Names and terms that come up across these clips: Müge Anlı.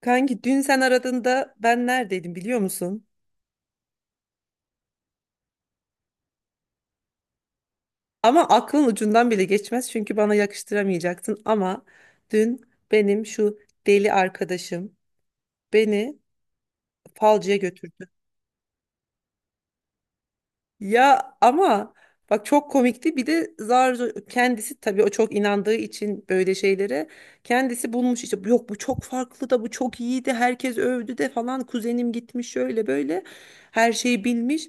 Kanki dün sen aradığında ben neredeydim biliyor musun? Ama aklın ucundan bile geçmez çünkü bana yakıştıramayacaksın, ama dün benim şu deli arkadaşım beni falcıya götürdü. Ya ama bak, çok komikti. Bir de zar zor, kendisi tabii o çok inandığı için böyle şeylere, kendisi bulmuş işte, yok bu çok farklı da, bu çok iyiydi herkes övdü de falan, kuzenim gitmiş şöyle böyle, her şeyi bilmiş.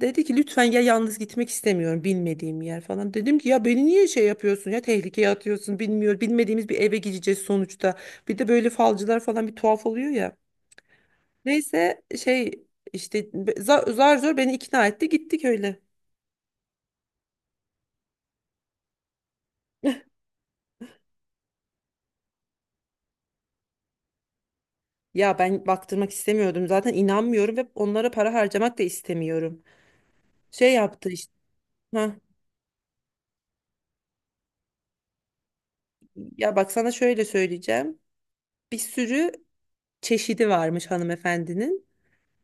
Dedi ki lütfen ya, yalnız gitmek istemiyorum, bilmediğim yer falan. Dedim ki ya beni niye şey yapıyorsun ya, tehlikeye atıyorsun, bilmiyor bilmediğimiz bir eve gideceğiz sonuçta. Bir de böyle falcılar falan bir tuhaf oluyor ya. Neyse şey, işte zar zor beni ikna etti, gittik öyle. Ya ben baktırmak istemiyordum zaten, inanmıyorum ve onlara para harcamak da istemiyorum. Şey yaptı işte. Ha, ya bak, sana şöyle söyleyeceğim. Bir sürü çeşidi varmış hanımefendinin.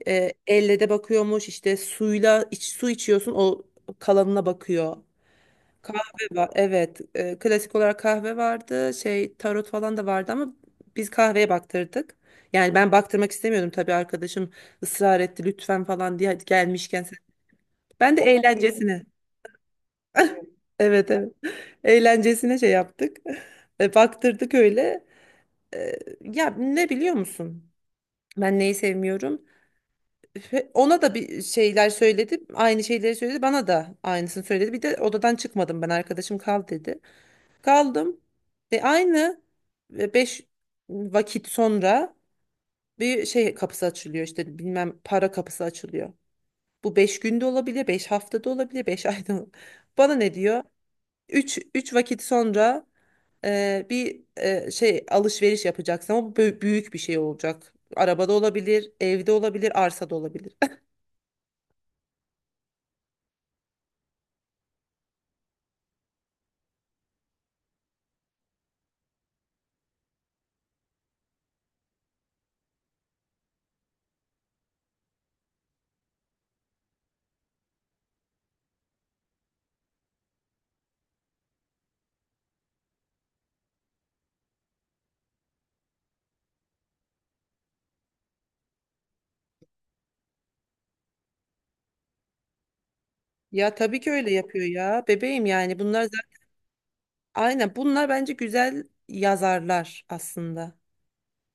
Elle de bakıyormuş, işte suyla iç, su içiyorsun, o kalanına bakıyor. Kahve var, evet. Klasik olarak kahve vardı, şey tarot falan da vardı ama biz kahveye baktırdık. Yani ben baktırmak istemiyordum tabii, arkadaşım ısrar etti lütfen falan diye, hadi gelmişken sen. Ben de eğlencesine evet, evet, eğlencesine şey yaptık. Baktırdık öyle. E, ya ne biliyor musun? Ben neyi sevmiyorum? Ve ona da bir şeyler söyledi. Aynı şeyleri söyledi. Bana da aynısını söyledi. Bir de odadan çıkmadım ben. Arkadaşım kal dedi. Kaldım. Aynı, 5 vakit sonra bir şey kapısı açılıyor, işte bilmem para kapısı açılıyor. Bu 5 günde olabilir, beş haftada olabilir, 5 ayda olabilir. Bana ne diyor? Üç vakit sonra, bir şey alışveriş yapacaksın ama bu büyük bir şey olacak. Arabada olabilir, evde olabilir, arsada olabilir. Ya tabii ki öyle yapıyor ya bebeğim. Yani bunlar zaten, aynen, bunlar bence güzel yazarlar aslında.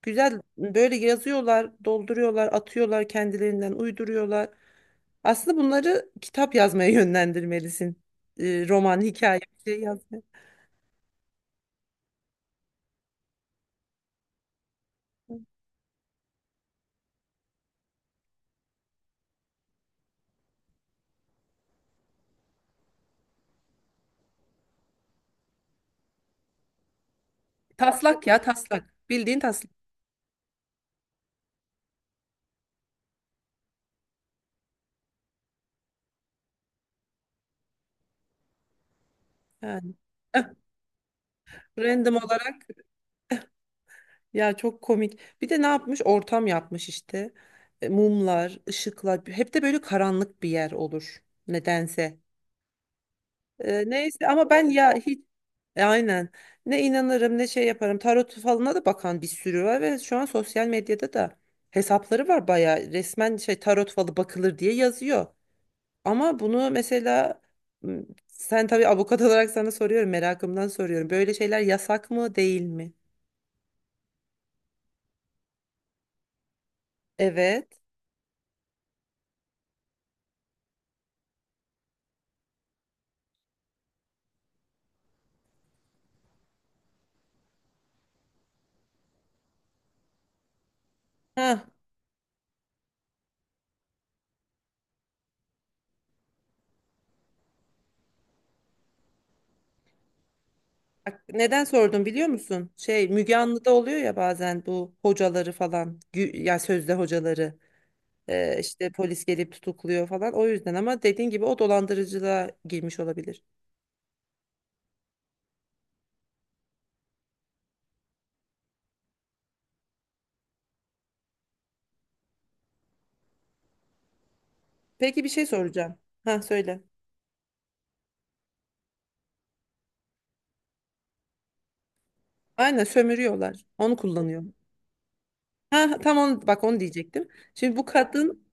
Güzel böyle yazıyorlar, dolduruyorlar, atıyorlar kendilerinden, uyduruyorlar. Aslında bunları kitap yazmaya yönlendirmelisin. Roman, hikaye, bir şey yazmaya. Taslak ya, taslak. Bildiğin taslak. Yani. Random olarak, ya çok komik. Bir de ne yapmış? Ortam yapmış işte. Mumlar, ışıklar. Hep de böyle karanlık bir yer olur nedense. Neyse ama ben ya hiç aynen ne inanırım ne şey yaparım. Tarot falına da bakan bir sürü var ve şu an sosyal medyada da hesapları var, bayağı resmen şey, tarot falı bakılır diye yazıyor. Ama bunu mesela, m, sen tabii avukat olarak, sana soruyorum, merakımdan soruyorum, böyle şeyler yasak mı değil mi? Evet. Ha, neden sordum biliyor musun? Şey, Müge Anlı'da oluyor ya bazen bu hocaları falan, ya sözde hocaları. İşte polis gelip tutukluyor falan. O yüzden, ama dediğin gibi o dolandırıcılığa girmiş olabilir. Peki bir şey soracağım. Ha, söyle. Aynen sömürüyorlar. Onu kullanıyor. Ha, tam onu, bak, onu diyecektim. Şimdi bu kadın,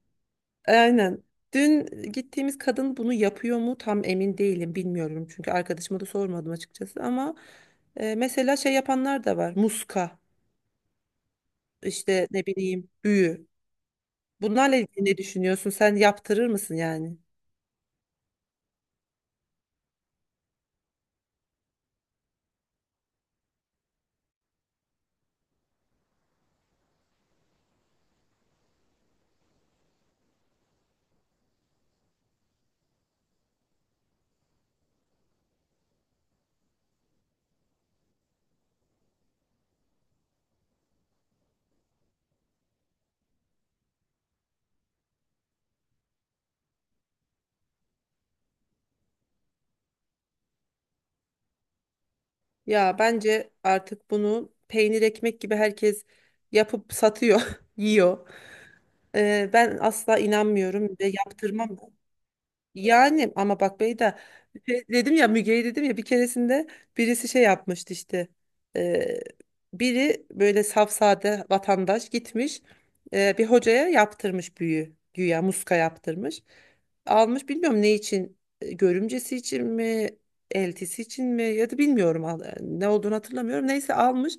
aynen, dün gittiğimiz kadın bunu yapıyor mu tam emin değilim, bilmiyorum. Çünkü arkadaşıma da sormadım açıkçası, ama mesela şey yapanlar da var. Muska, işte ne bileyim, büyü. Bunlarla ilgili ne düşünüyorsun? Sen yaptırır mısın yani? Ya bence artık bunu peynir ekmek gibi herkes yapıp satıyor, yiyor. Ben asla inanmıyorum ve yaptırmam da. Yani ama bak Beyda, şey dedim ya, Müge'yi dedim ya, bir keresinde birisi şey yapmıştı işte. Ee, biri böyle safsade vatandaş gitmiş bir hocaya, yaptırmış büyü, güya muska yaptırmış, almış, bilmiyorum ne için, görümcesi için mi, eltisi için mi, ya da bilmiyorum, ne olduğunu hatırlamıyorum, neyse almış.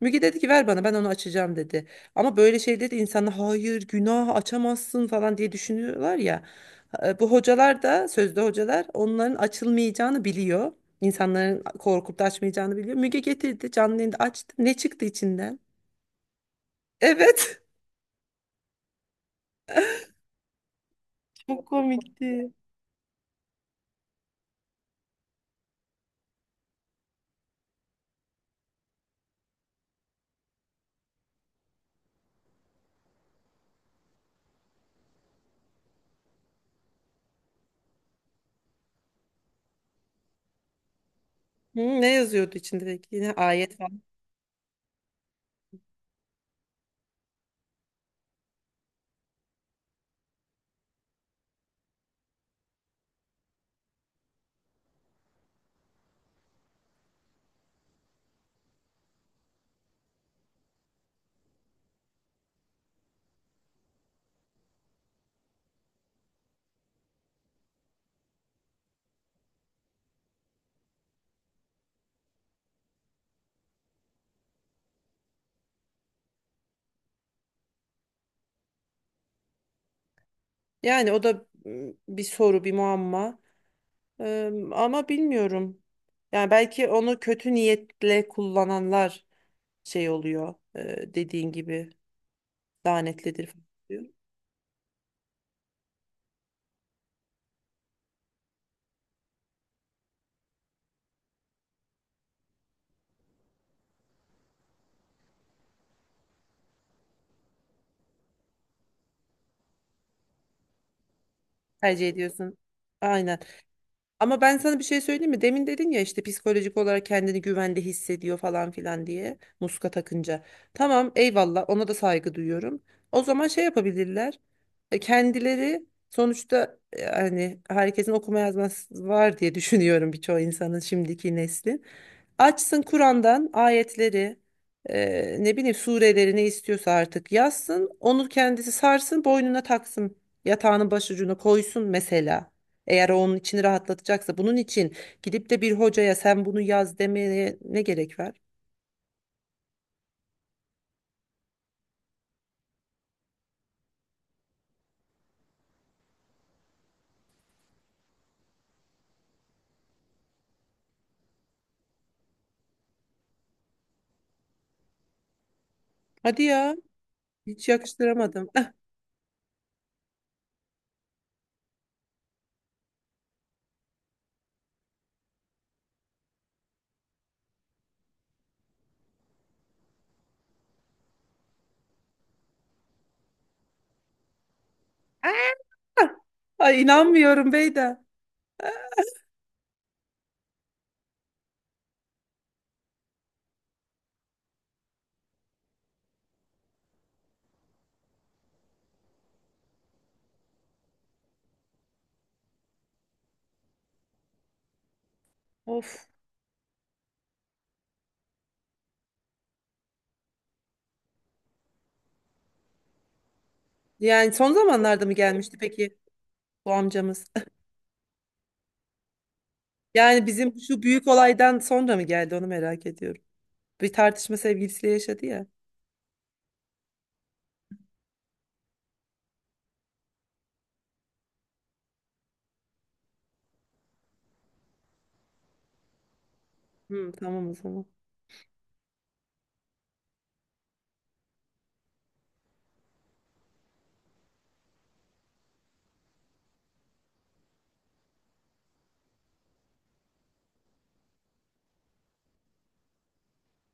Müge dedi ki ver bana, ben onu açacağım dedi. Ama böyle şey dedi, insanlar hayır günah, açamazsın falan diye düşünüyorlar ya. Bu hocalar da, sözde hocalar, onların açılmayacağını biliyor. İnsanların korkup da açmayacağını biliyor. Müge getirdi, canlı yayında açtı. Ne çıktı içinden? Evet. Çok komikti. Hı, ne yazıyordu içinde peki? Yine ayet falan. Yani o da, bir soru, bir muamma. Ama bilmiyorum. Yani belki onu kötü niyetle kullananlar şey oluyor. Dediğin gibi lanetlidir falan diyor. Tercih ediyorsun. Aynen. Ama ben sana bir şey söyleyeyim mi? Demin dedin ya, işte psikolojik olarak kendini güvende hissediyor falan filan diye muska takınca. Tamam, eyvallah, ona da saygı duyuyorum. O zaman şey yapabilirler. Kendileri sonuçta, hani herkesin okuma yazması var diye düşünüyorum, birçok insanın, şimdiki neslin. Açsın Kur'an'dan ayetleri, ne bileyim, sureleri, ne istiyorsa artık yazsın. Onu kendisi sarsın, boynuna taksın. Yatağının başucuna koysun mesela. Eğer o onun içini rahatlatacaksa, bunun için gidip de bir hocaya sen bunu yaz demeye ne gerek var? Hadi ya, hiç yakıştıramadım. Ay, inanmıyorum Beyda. Of. Yani son zamanlarda mı gelmişti peki bu amcamız? Yani bizim şu büyük olaydan sonra mı geldi, onu merak ediyorum. Bir tartışma sevgilisiyle yaşadı ya. Hı, tamam o zaman.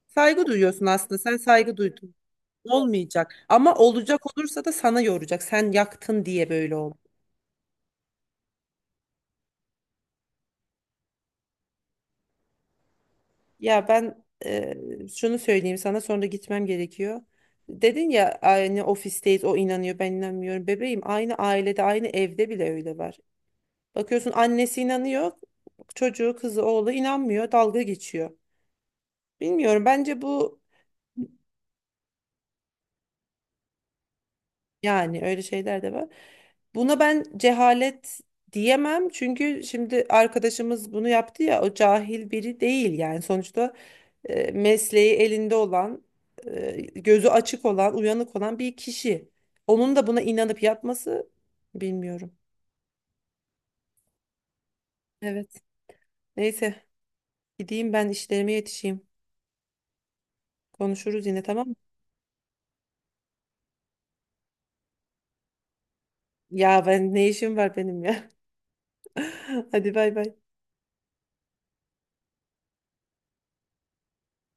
Saygı duyuyorsun aslında. Sen saygı duydun. Olmayacak. Ama olacak olursa da sana yoracak. Sen yaktın diye böyle oldu. Ya ben, şunu söyleyeyim sana, sonra gitmem gerekiyor. Dedin ya, aynı ofisteyiz, o inanıyor ben inanmıyorum. Bebeğim, aynı ailede, aynı evde bile öyle var. Bakıyorsun annesi inanıyor, çocuğu, kızı, oğlu inanmıyor, dalga geçiyor. Bilmiyorum, bence bu, yani öyle şeyler de var. Buna ben cehalet diyemem, çünkü şimdi arkadaşımız bunu yaptı ya, o cahil biri değil yani sonuçta. Mesleği elinde olan, gözü açık olan, uyanık olan bir kişi. Onun da buna inanıp yapması, bilmiyorum. Evet. Neyse, gideyim ben, işlerime yetişeyim. Konuşuruz yine, tamam mı? Ya ben ne işim var benim ya. Hadi, bay bay.